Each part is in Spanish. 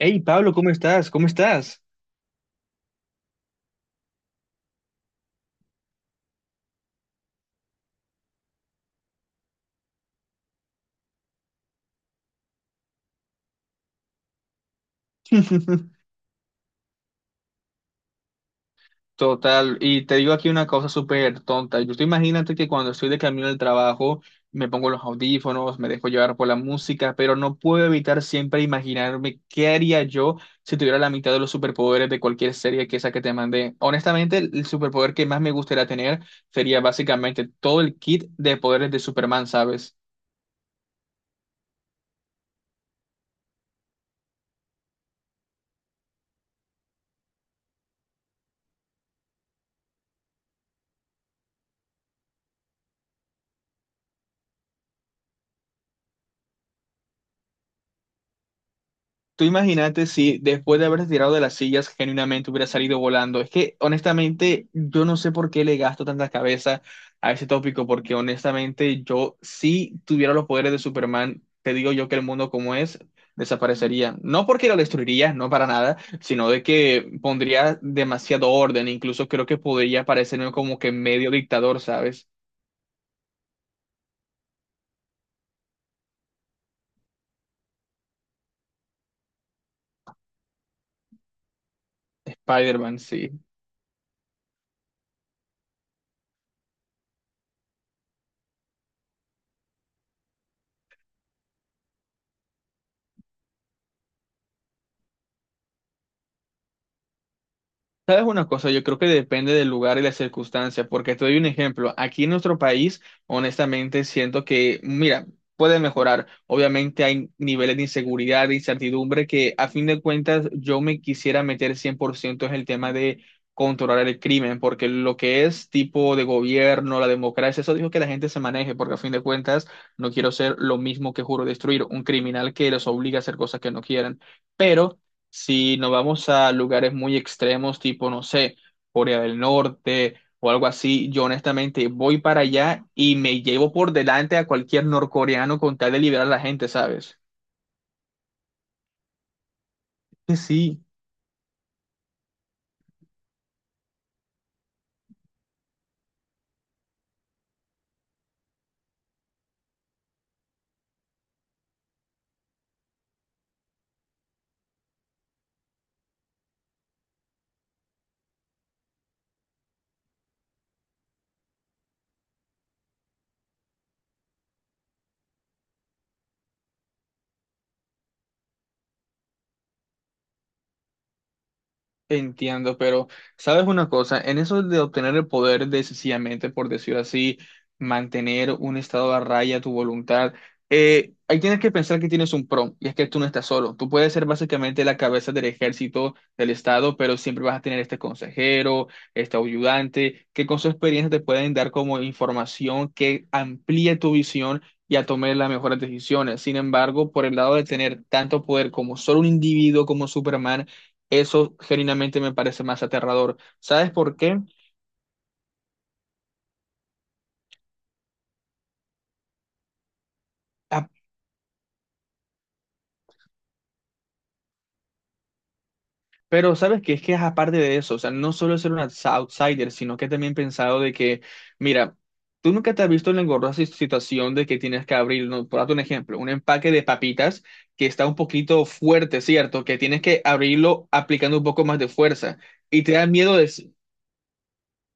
Hey Pablo, ¿cómo estás? ¿Cómo estás? Total, y te digo aquí una cosa súper tonta. Yo estoy imagínate que cuando estoy de camino al trabajo, me pongo los audífonos, me dejo llevar por la música, pero no puedo evitar siempre imaginarme qué haría yo si tuviera la mitad de los superpoderes de cualquier serie que esa que te mandé. Honestamente, el superpoder que más me gustaría tener sería básicamente todo el kit de poderes de Superman, ¿sabes? Tú imagínate si después de haberse tirado de las sillas genuinamente hubiera salido volando. Es que honestamente yo no sé por qué le gasto tanta cabeza a ese tópico, porque honestamente yo si tuviera los poderes de Superman, te digo yo que el mundo como es desaparecería. No porque lo destruiría, no para nada, sino de que pondría demasiado orden. Incluso creo que podría parecerme como que medio dictador, ¿sabes? Spider-Man, sí. ¿Sabes una cosa? Yo creo que depende del lugar y la circunstancia, porque te doy un ejemplo. Aquí en nuestro país, honestamente, siento que, mira, puede mejorar. Obviamente hay niveles de inseguridad, de incertidumbre, que a fin de cuentas yo me quisiera meter 100% en el tema de controlar el crimen, porque lo que es tipo de gobierno, la democracia, eso dijo que la gente se maneje, porque a fin de cuentas no quiero ser lo mismo que juro destruir, un criminal que los obliga a hacer cosas que no quieran. Pero... Si nos vamos a lugares muy extremos, tipo, no sé, Corea del Norte o algo así, yo honestamente voy para allá y me llevo por delante a cualquier norcoreano con tal de liberar a la gente, ¿sabes? Que sí. Entiendo, pero sabes una cosa, en eso de obtener el poder de sencillamente, por decirlo así, mantener un estado a raya tu voluntad, ahí tienes que pensar que tienes un pro, y es que tú no estás solo. Tú puedes ser básicamente la cabeza del ejército del estado, pero siempre vas a tener este consejero, este ayudante, que con su experiencia te pueden dar como información que amplíe tu visión, y a tomar las mejores decisiones. Sin embargo, por el lado de tener tanto poder como solo un individuo como Superman, eso genuinamente me parece más aterrador. ¿Sabes por qué? Ah, pero sabes que es aparte de eso, o sea, no solo ser un outsider, sino que también he pensado de que, mira, tú nunca te has visto en la engorrosa si, situación de que tienes que abrir, no, por darte un ejemplo, un empaque de papitas que está un poquito fuerte, ¿cierto? Que tienes que abrirlo aplicando un poco más de fuerza y te da miedo de...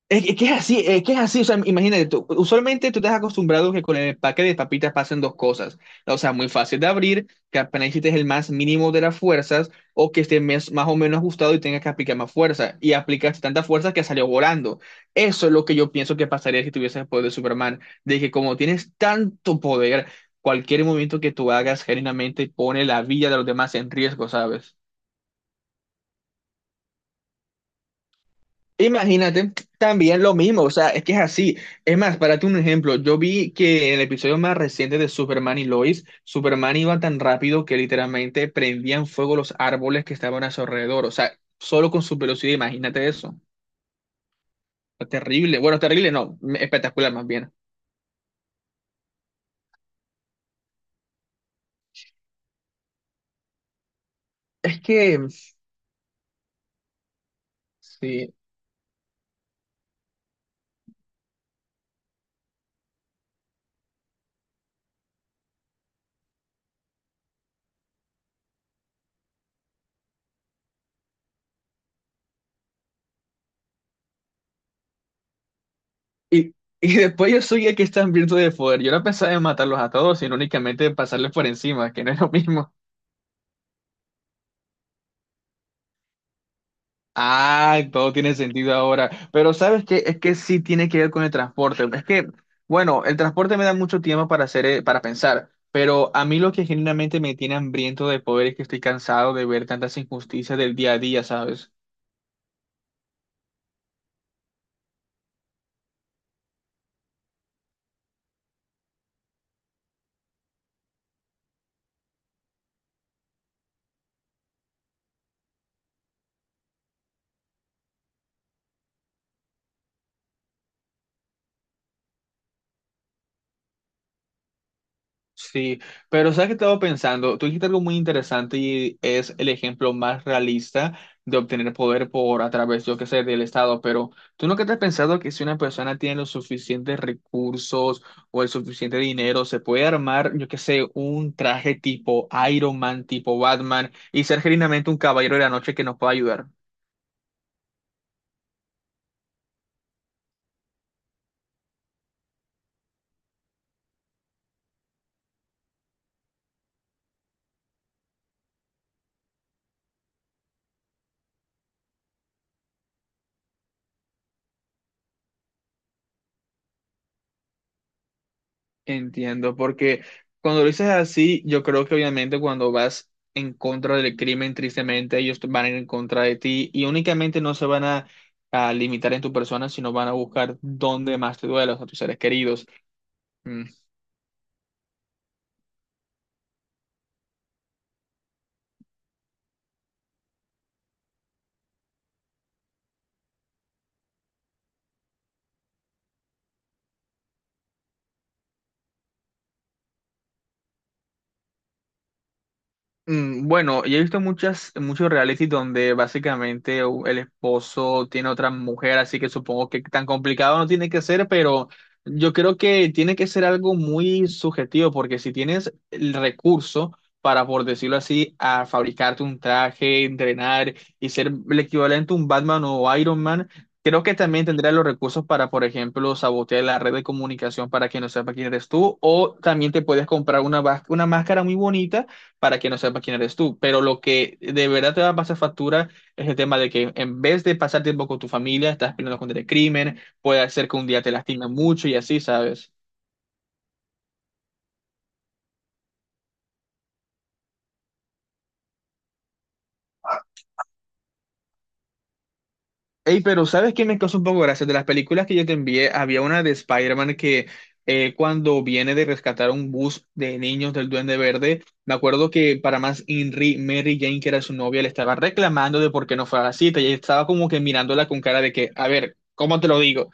Es que es así, es que es así, o sea, imagínate, tú usualmente tú te has acostumbrado que con el empaque de papitas pasen dos cosas, o sea, muy fácil de abrir, que apenas hiciste el más mínimo de las fuerzas, o que esté más o menos ajustado y tengas que aplicar más fuerza, y aplicaste tanta fuerza que salió volando. Eso es lo que yo pienso que pasaría si tuvieses el poder de Superman, de que como tienes tanto poder, cualquier movimiento que tú hagas genuinamente pone la vida de los demás en riesgo, ¿sabes? Imagínate también lo mismo, o sea, es que es así. Es más, para darte un ejemplo, yo vi que en el episodio más reciente de Superman y Lois, Superman iba tan rápido que literalmente prendían fuego los árboles que estaban a su alrededor, o sea, solo con su velocidad, imagínate eso. Terrible, bueno, terrible no, espectacular más bien. Es que, sí, y y después yo soy el que está hambriento de poder, yo no pensaba en matarlos a todos, sino únicamente pasarles por encima, que no es lo mismo. Ah, todo tiene sentido ahora. Pero ¿sabes qué? Es que sí tiene que ver con el transporte. Es que, bueno, el transporte me da mucho tiempo para hacer, para pensar. Pero a mí lo que genuinamente me tiene hambriento de poder es que estoy cansado de ver tantas injusticias del día a día, ¿sabes? Sí, pero sabes que estaba pensando, tú dijiste algo muy interesante y es el ejemplo más realista de obtener poder por a través, yo qué sé, del Estado, pero tú nunca te has pensado que si una persona tiene los suficientes recursos o el suficiente dinero, se puede armar, yo qué sé, un traje tipo Iron Man, tipo Batman y ser genuinamente un caballero de la noche que nos pueda ayudar. Entiendo, porque cuando lo dices así, yo creo que obviamente cuando vas en contra del crimen, tristemente ellos van a ir en contra de ti y únicamente no se van a limitar en tu persona, sino van a buscar dónde más te duela, a tus seres queridos. Mm, bueno, yo he visto muchas, muchos reality donde básicamente el esposo tiene otra mujer, así que supongo que tan complicado no tiene que ser, pero yo creo que tiene que ser algo muy subjetivo, porque si tienes el recurso para, por decirlo así, a fabricarte un traje, entrenar y ser el equivalente a un Batman o Iron Man, creo que también tendrás los recursos para, por ejemplo, sabotear la red de comunicación para que no sepa quién eres tú, o también te puedes comprar una, una máscara muy bonita para que no sepa quién eres tú. Pero lo que de verdad te va a pasar factura es el tema de que en vez de pasar tiempo con tu familia, estás peleando contra el crimen, puede ser que un día te lastime mucho y así, ¿sabes? Ey, pero ¿sabes qué me causa un poco gracia? De las películas que yo te envié, había una de Spider-Man que cuando viene de rescatar un bus de niños del Duende Verde, me acuerdo que para más Henry, Mary Jane, que era su novia, le estaba reclamando de por qué no fue a la cita y ella estaba como que mirándola con cara de que, a ver, ¿cómo te lo digo?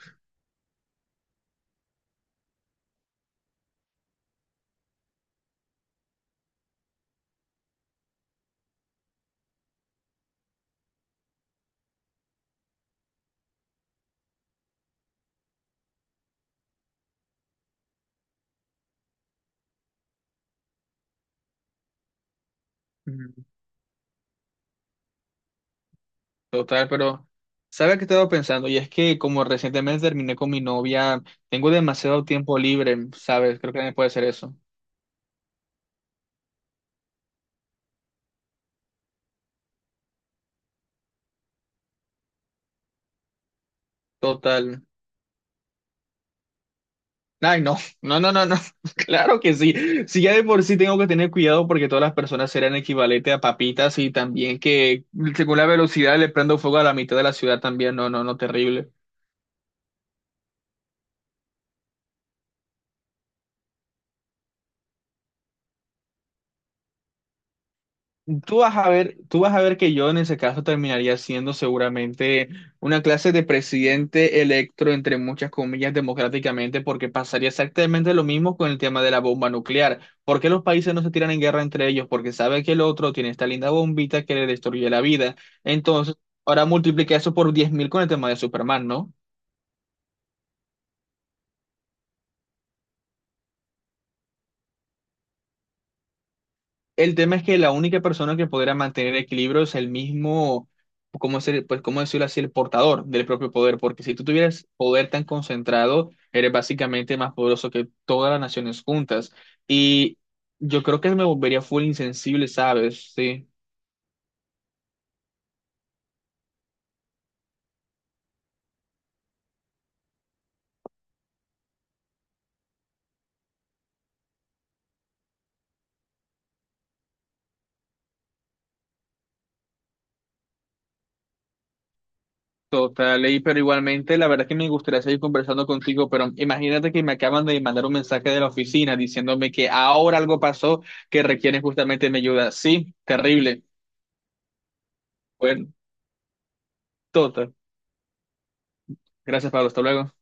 Total, pero ¿sabes qué estaba pensando? Y es que como recientemente terminé con mi novia, tengo demasiado tiempo libre, ¿sabes? Creo que nadie puede hacer eso. Total. Ay, no, no, no, no, no. Claro que sí. Si ya de por sí tengo que tener cuidado porque todas las personas serán equivalente a papitas y también que según la velocidad le prendo fuego a la mitad de la ciudad también. No, no, no, terrible. Tú vas a ver, tú vas a ver que yo en ese caso terminaría siendo seguramente una clase de presidente electo, entre muchas comillas, democráticamente, porque pasaría exactamente lo mismo con el tema de la bomba nuclear. ¿Por qué los países no se tiran en guerra entre ellos? Porque sabe que el otro tiene esta linda bombita que le destruye la vida. Entonces, ahora multiplica eso por 10.000 con el tema de Superman, ¿no? El tema es que la única persona que podrá mantener equilibrio es el mismo, ¿cómo ser, pues, cómo decirlo así, el portador del propio poder, porque si tú tuvieras poder tan concentrado, eres básicamente más poderoso que todas las naciones juntas. Y yo creo que me volvería full insensible, ¿sabes? Sí, total. Y, pero igualmente, la verdad es que me gustaría seguir conversando contigo, pero imagínate que me acaban de mandar un mensaje de la oficina diciéndome que ahora algo pasó que requiere justamente mi ayuda. Sí, terrible. Bueno, total. Gracias, Pablo. Hasta luego.